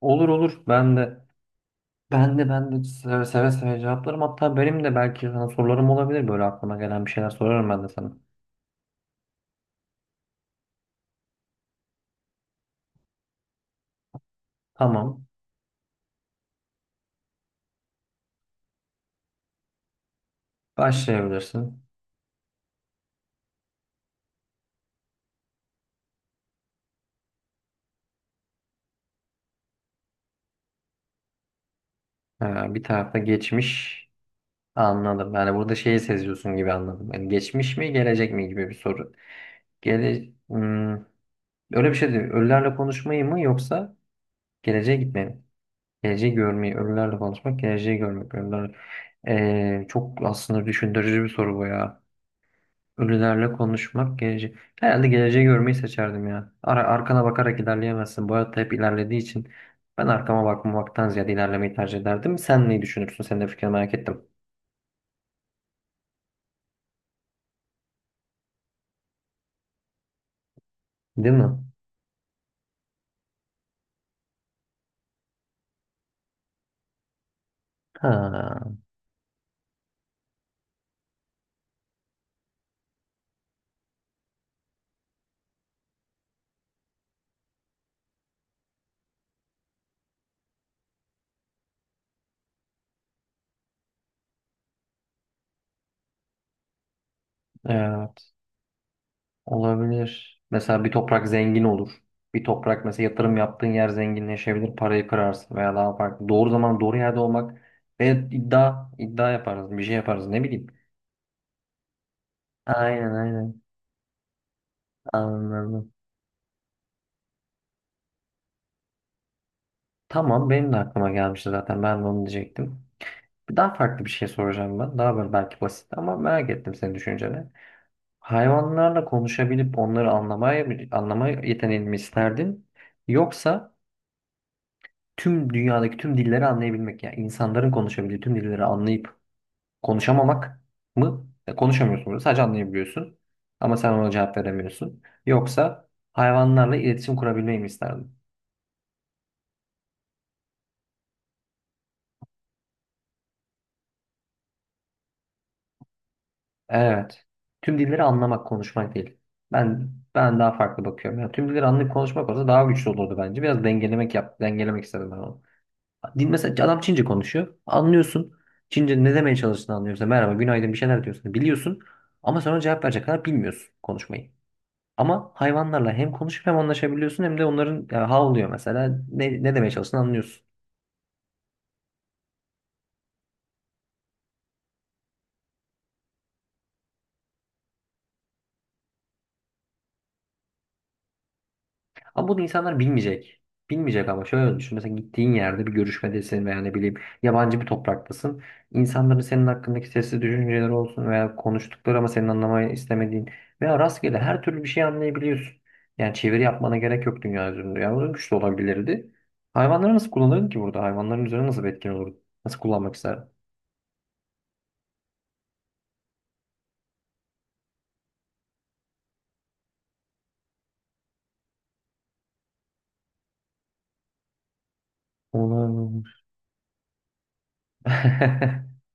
Olur olur. Ben de seve seve cevaplarım. Hatta benim de belki sana sorularım olabilir. Böyle aklıma gelen bir şeyler sorarım ben de sana. Tamam. Başlayabilirsin. Bir tarafta geçmiş anladım. Yani burada şeyi seziyorsun gibi anladım. Yani geçmiş mi gelecek mi gibi bir soru. Gele Hmm, Öyle bir şey değil. Ölülerle konuşmayı mı yoksa geleceğe gitmeyi mi? Geleceği görmeyi, ölülerle konuşmak, geleceği görmek. Ölüler... Çok aslında düşündürücü bir soru bu ya. Ölülerle konuşmak geleceği. Herhalde geleceği görmeyi seçerdim ya. Arkana bakarak ilerleyemezsin. Bu hayatta hep ilerlediği için ben arkama bakmamaktan ziyade ilerlemeyi tercih ederdim. Sen neyi düşünürsün? Senin de fikrini merak ettim. Değil mi? Ha, evet. Olabilir. Mesela bir toprak zengin olur. Bir toprak mesela yatırım yaptığın yer zenginleşebilir. Parayı kırarsın veya daha farklı. Doğru zaman doğru yerde olmak ve iddia yaparız. Bir şey yaparız. Ne bileyim. Aynen aynen. Anladım. Tamam benim de aklıma gelmişti zaten ben de onu diyecektim. Daha farklı bir şey soracağım ben. Daha böyle belki basit ama merak ettim senin düşünceni. Hayvanlarla konuşabilip onları anlamaya, anlama yeteneğini mi isterdin? Yoksa tüm dünyadaki tüm dilleri anlayabilmek yani insanların konuşabildiği tüm dilleri anlayıp konuşamamak mı? Konuşamıyorsun burada sadece anlayabiliyorsun ama sen ona cevap veremiyorsun. Yoksa hayvanlarla iletişim kurabilmeyi mi isterdin? Evet. Tüm dilleri anlamak, konuşmak değil. Ben ben daha farklı bakıyorum. Yani tüm dilleri anlayıp konuşmak olsa daha güçlü olurdu bence. Biraz dengelemek yap, dengelemek istedim ben onu. Din mesela adam Çince konuşuyor. Anlıyorsun. Çince ne demeye çalıştığını anlıyorsun. Merhaba, günaydın bir şeyler diyorsun. Biliyorsun. Ama sonra cevap verecek kadar bilmiyorsun konuşmayı. Ama hayvanlarla hem konuşup hem anlaşabiliyorsun hem de onların ya, havlıyor mesela ne demeye çalıştığını anlıyorsun. Ama bunu insanlar bilmeyecek. Bilmeyecek ama şöyle düşün. Mesela gittiğin yerde bir görüşmedesin veya ne bileyim yabancı bir topraktasın. İnsanların senin hakkındaki sesli düşünceleri olsun veya konuştukları ama senin anlamayı istemediğin veya rastgele her türlü bir şey anlayabiliyorsun. Yani çeviri yapmana gerek yok dünya üzerinde. Yani o güç de olabilirdi. Hayvanları nasıl kullanırdın ki burada? Hayvanların üzerine nasıl bir etkin olurdu? Nasıl kullanmak isterdin? Olabilir.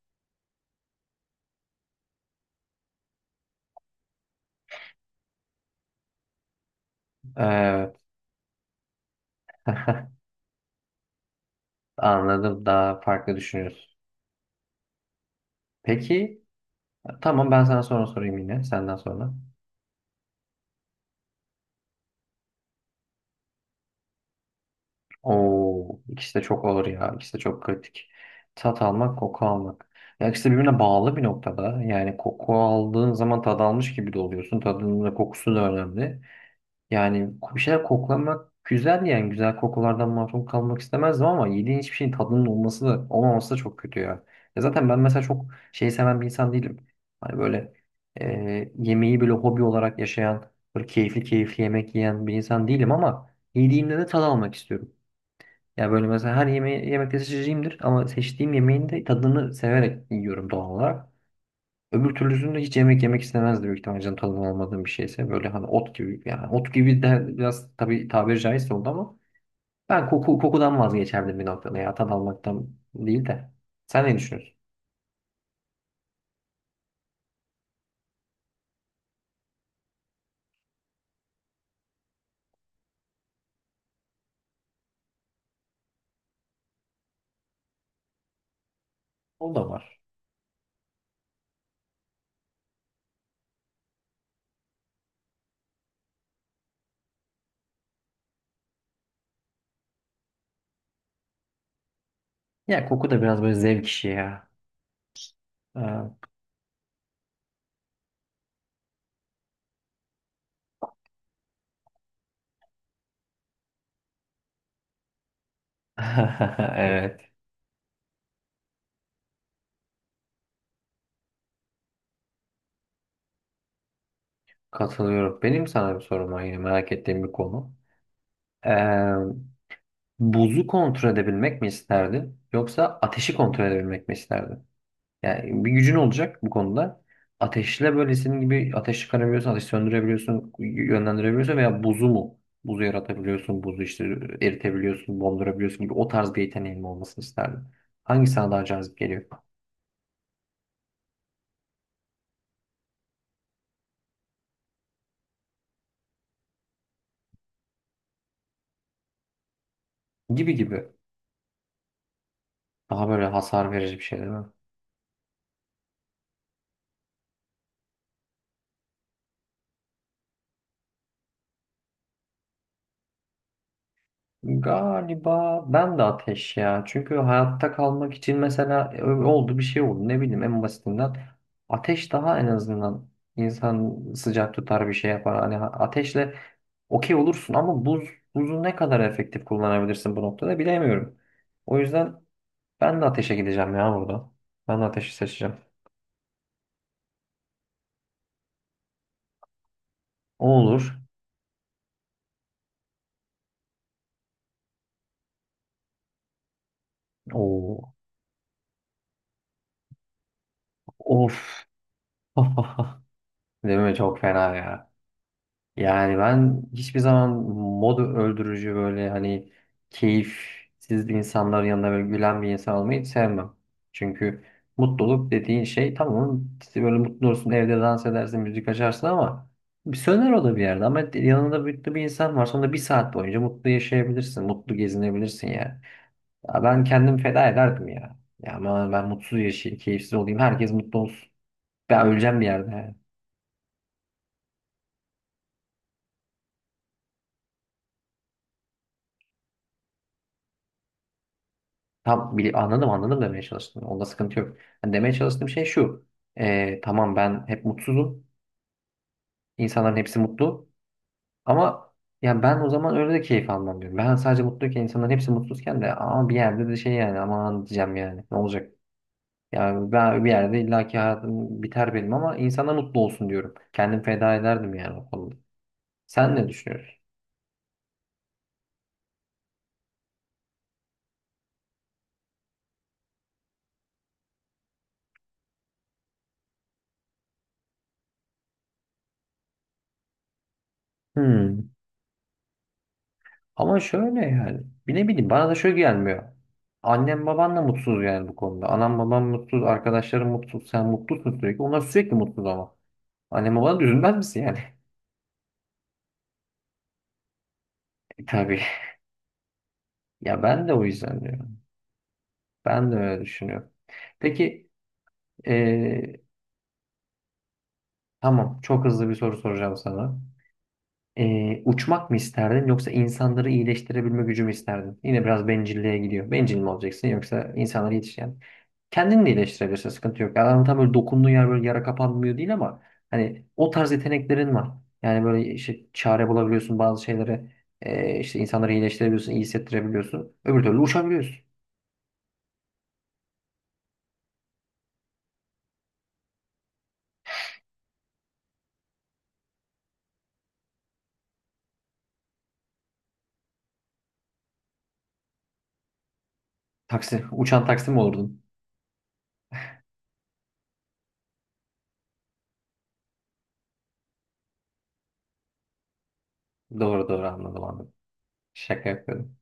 Evet. Anladım. Daha farklı düşünüyorsun. Peki. Tamam ben sana sonra sorayım yine. Senden sonra. Oo, ikisi de çok ağır ya. İkisi de çok kritik. Tat almak, koku almak. Ya ikisi de birbirine bağlı bir noktada. Yani koku aldığın zaman tad almış gibi de oluyorsun. Tadının da kokusu da önemli. Yani bir şeyler koklamak güzel yani güzel kokulardan mahrum kalmak istemezdim ama yediğin hiçbir şeyin tadının olması da olmaması da çok kötü ya. Ya zaten ben mesela çok şey seven bir insan değilim. Hani böyle yemeği böyle hobi olarak yaşayan, böyle keyifli keyifli yemek yiyen bir insan değilim ama yediğimde de tad almak istiyorum. Ya böyle mesela her yemeği yemekte seçeceğimdir ama seçtiğim yemeğin de tadını severek yiyorum doğal olarak. Öbür türlüsünde hiç yemek yemek istemezdi büyük ihtimalle canı tadının olmadığım bir şeyse. Böyle hani ot gibi yani ot gibi de biraz tabii tabiri caizse oldu ama ben kokudan vazgeçerdim bir noktada ya tat almaktan değil de. Sen ne düşünüyorsun? O da var. Ya koku da biraz böyle zevk işi ya. Ha. Evet. Katılıyorum. Benim sana bir sorum var yine merak ettiğim bir konu. Ee, Buzu kontrol edebilmek mi isterdin yoksa ateşi kontrol edebilmek mi isterdin? Yani bir gücün olacak bu konuda. Ateşle böyle senin gibi ateş çıkarabiliyorsun, ateş söndürebiliyorsun, yönlendirebiliyorsun veya buzu mu? Buzu yaratabiliyorsun, buzu işte eritebiliyorsun, dondurabiliyorsun gibi o tarz bir yeteneğin olmasını isterdim. Hangisi sana daha cazip geliyor? Gibi gibi. Daha böyle hasar verici bir şey değil mi? Galiba ben de ateş ya. Çünkü hayatta kalmak için mesela oldu bir şey oldu. Ne bileyim en basitinden ateş daha en azından insan sıcak tutar bir şey yapar. Hani ateşle okey olursun ama buzu ne kadar efektif kullanabilirsin bu noktada bilemiyorum. O yüzden ben de ateşe gideceğim ya burada. Ben de ateşi seçeceğim. O olur. Oo. Of. Değil mi? Çok fena ya. Yani ben hiçbir zaman modu öldürücü böyle hani keyifsiz insanların yanında böyle gülen bir insan olmayı hiç sevmem. Çünkü mutluluk dediğin şey tamam işte böyle mutlu olursun evde dans edersin müzik açarsın ama bir söner o da bir yerde ama yanında mutlu bir insan var sonra bir saat boyunca mutlu yaşayabilirsin mutlu gezinebilirsin yani. Ya ben kendim feda ederdim ya. Ya ama ben mutsuz yaşayayım keyifsiz olayım herkes mutlu olsun. Ben öleceğim bir yerde, yani. Anladım anladım demeye çalıştım. Onda sıkıntı yok. Yani demeye çalıştığım şey şu. Tamam ben hep mutsuzum. İnsanların hepsi mutlu. Ama ya ben o zaman öyle de keyif almam diyorum. Ben sadece mutluyken insanların hepsi mutsuzken de ama bir yerde de şey yani aman diyeceğim yani ne olacak? Yani ben bir yerde illaki hayatım biter benim ama insana mutlu olsun diyorum. Kendim feda ederdim yani o konuda. Sen ne düşünüyorsun? Hmm. Ama şöyle yani. Bir ne bileyim bana da şöyle gelmiyor. Annem baban da mutsuz yani bu konuda. Anam babam mutsuz, arkadaşlarım mutsuz, sen mutlusun sürekli. Onlar sürekli mutsuz ama. Annem babana da üzülmez misin yani? Tabii. Ya ben de o yüzden diyorum. Ben de öyle düşünüyorum. Peki eee, tamam çok hızlı bir soru soracağım sana. Uçmak mı isterdin yoksa insanları iyileştirebilme gücü mü isterdin? Yine biraz bencilliğe gidiyor. Bencil mi olacaksın yoksa insanları yetiş yani. Kendini de iyileştirebilirsin sıkıntı yok. Yani adam tam böyle dokunduğun yer böyle yara kapanmıyor değil ama hani o tarz yeteneklerin var. Yani böyle işte çare bulabiliyorsun bazı şeylere. İşte insanları iyileştirebiliyorsun, iyi hissettirebiliyorsun. Öbür türlü uçabiliyorsun. Taksi, uçan taksi mi olurdun? Doğru doğru anladım anladım. Şaka yapıyorum.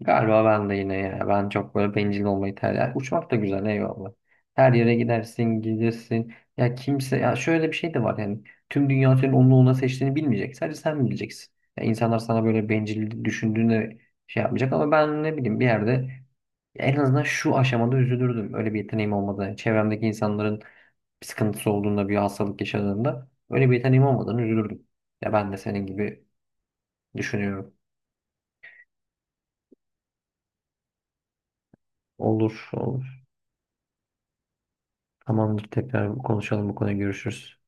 Galiba ben de yine ya. Ben çok böyle bencil olmayı tercih ederim. Uçmak da güzel eyvallah. Her yere gidersin, gelirsin. Ya kimse ya şöyle bir şey de var yani. Tüm dünya senin onu ona seçtiğini bilmeyecek. Sadece sen bileceksin. Ya insanlar sana böyle bencil düşündüğünde şey yapmayacak ama ben ne bileyim bir yerde en azından şu aşamada üzülürdüm. Öyle bir yeteneğim olmadan, çevremdeki insanların bir sıkıntısı olduğunda, bir hastalık yaşadığında öyle bir yeteneğim olmadan üzülürdüm. Ya ben de senin gibi düşünüyorum. Olur, olur. Tamamdır. Tekrar konuşalım bu konuyu. Görüşürüz.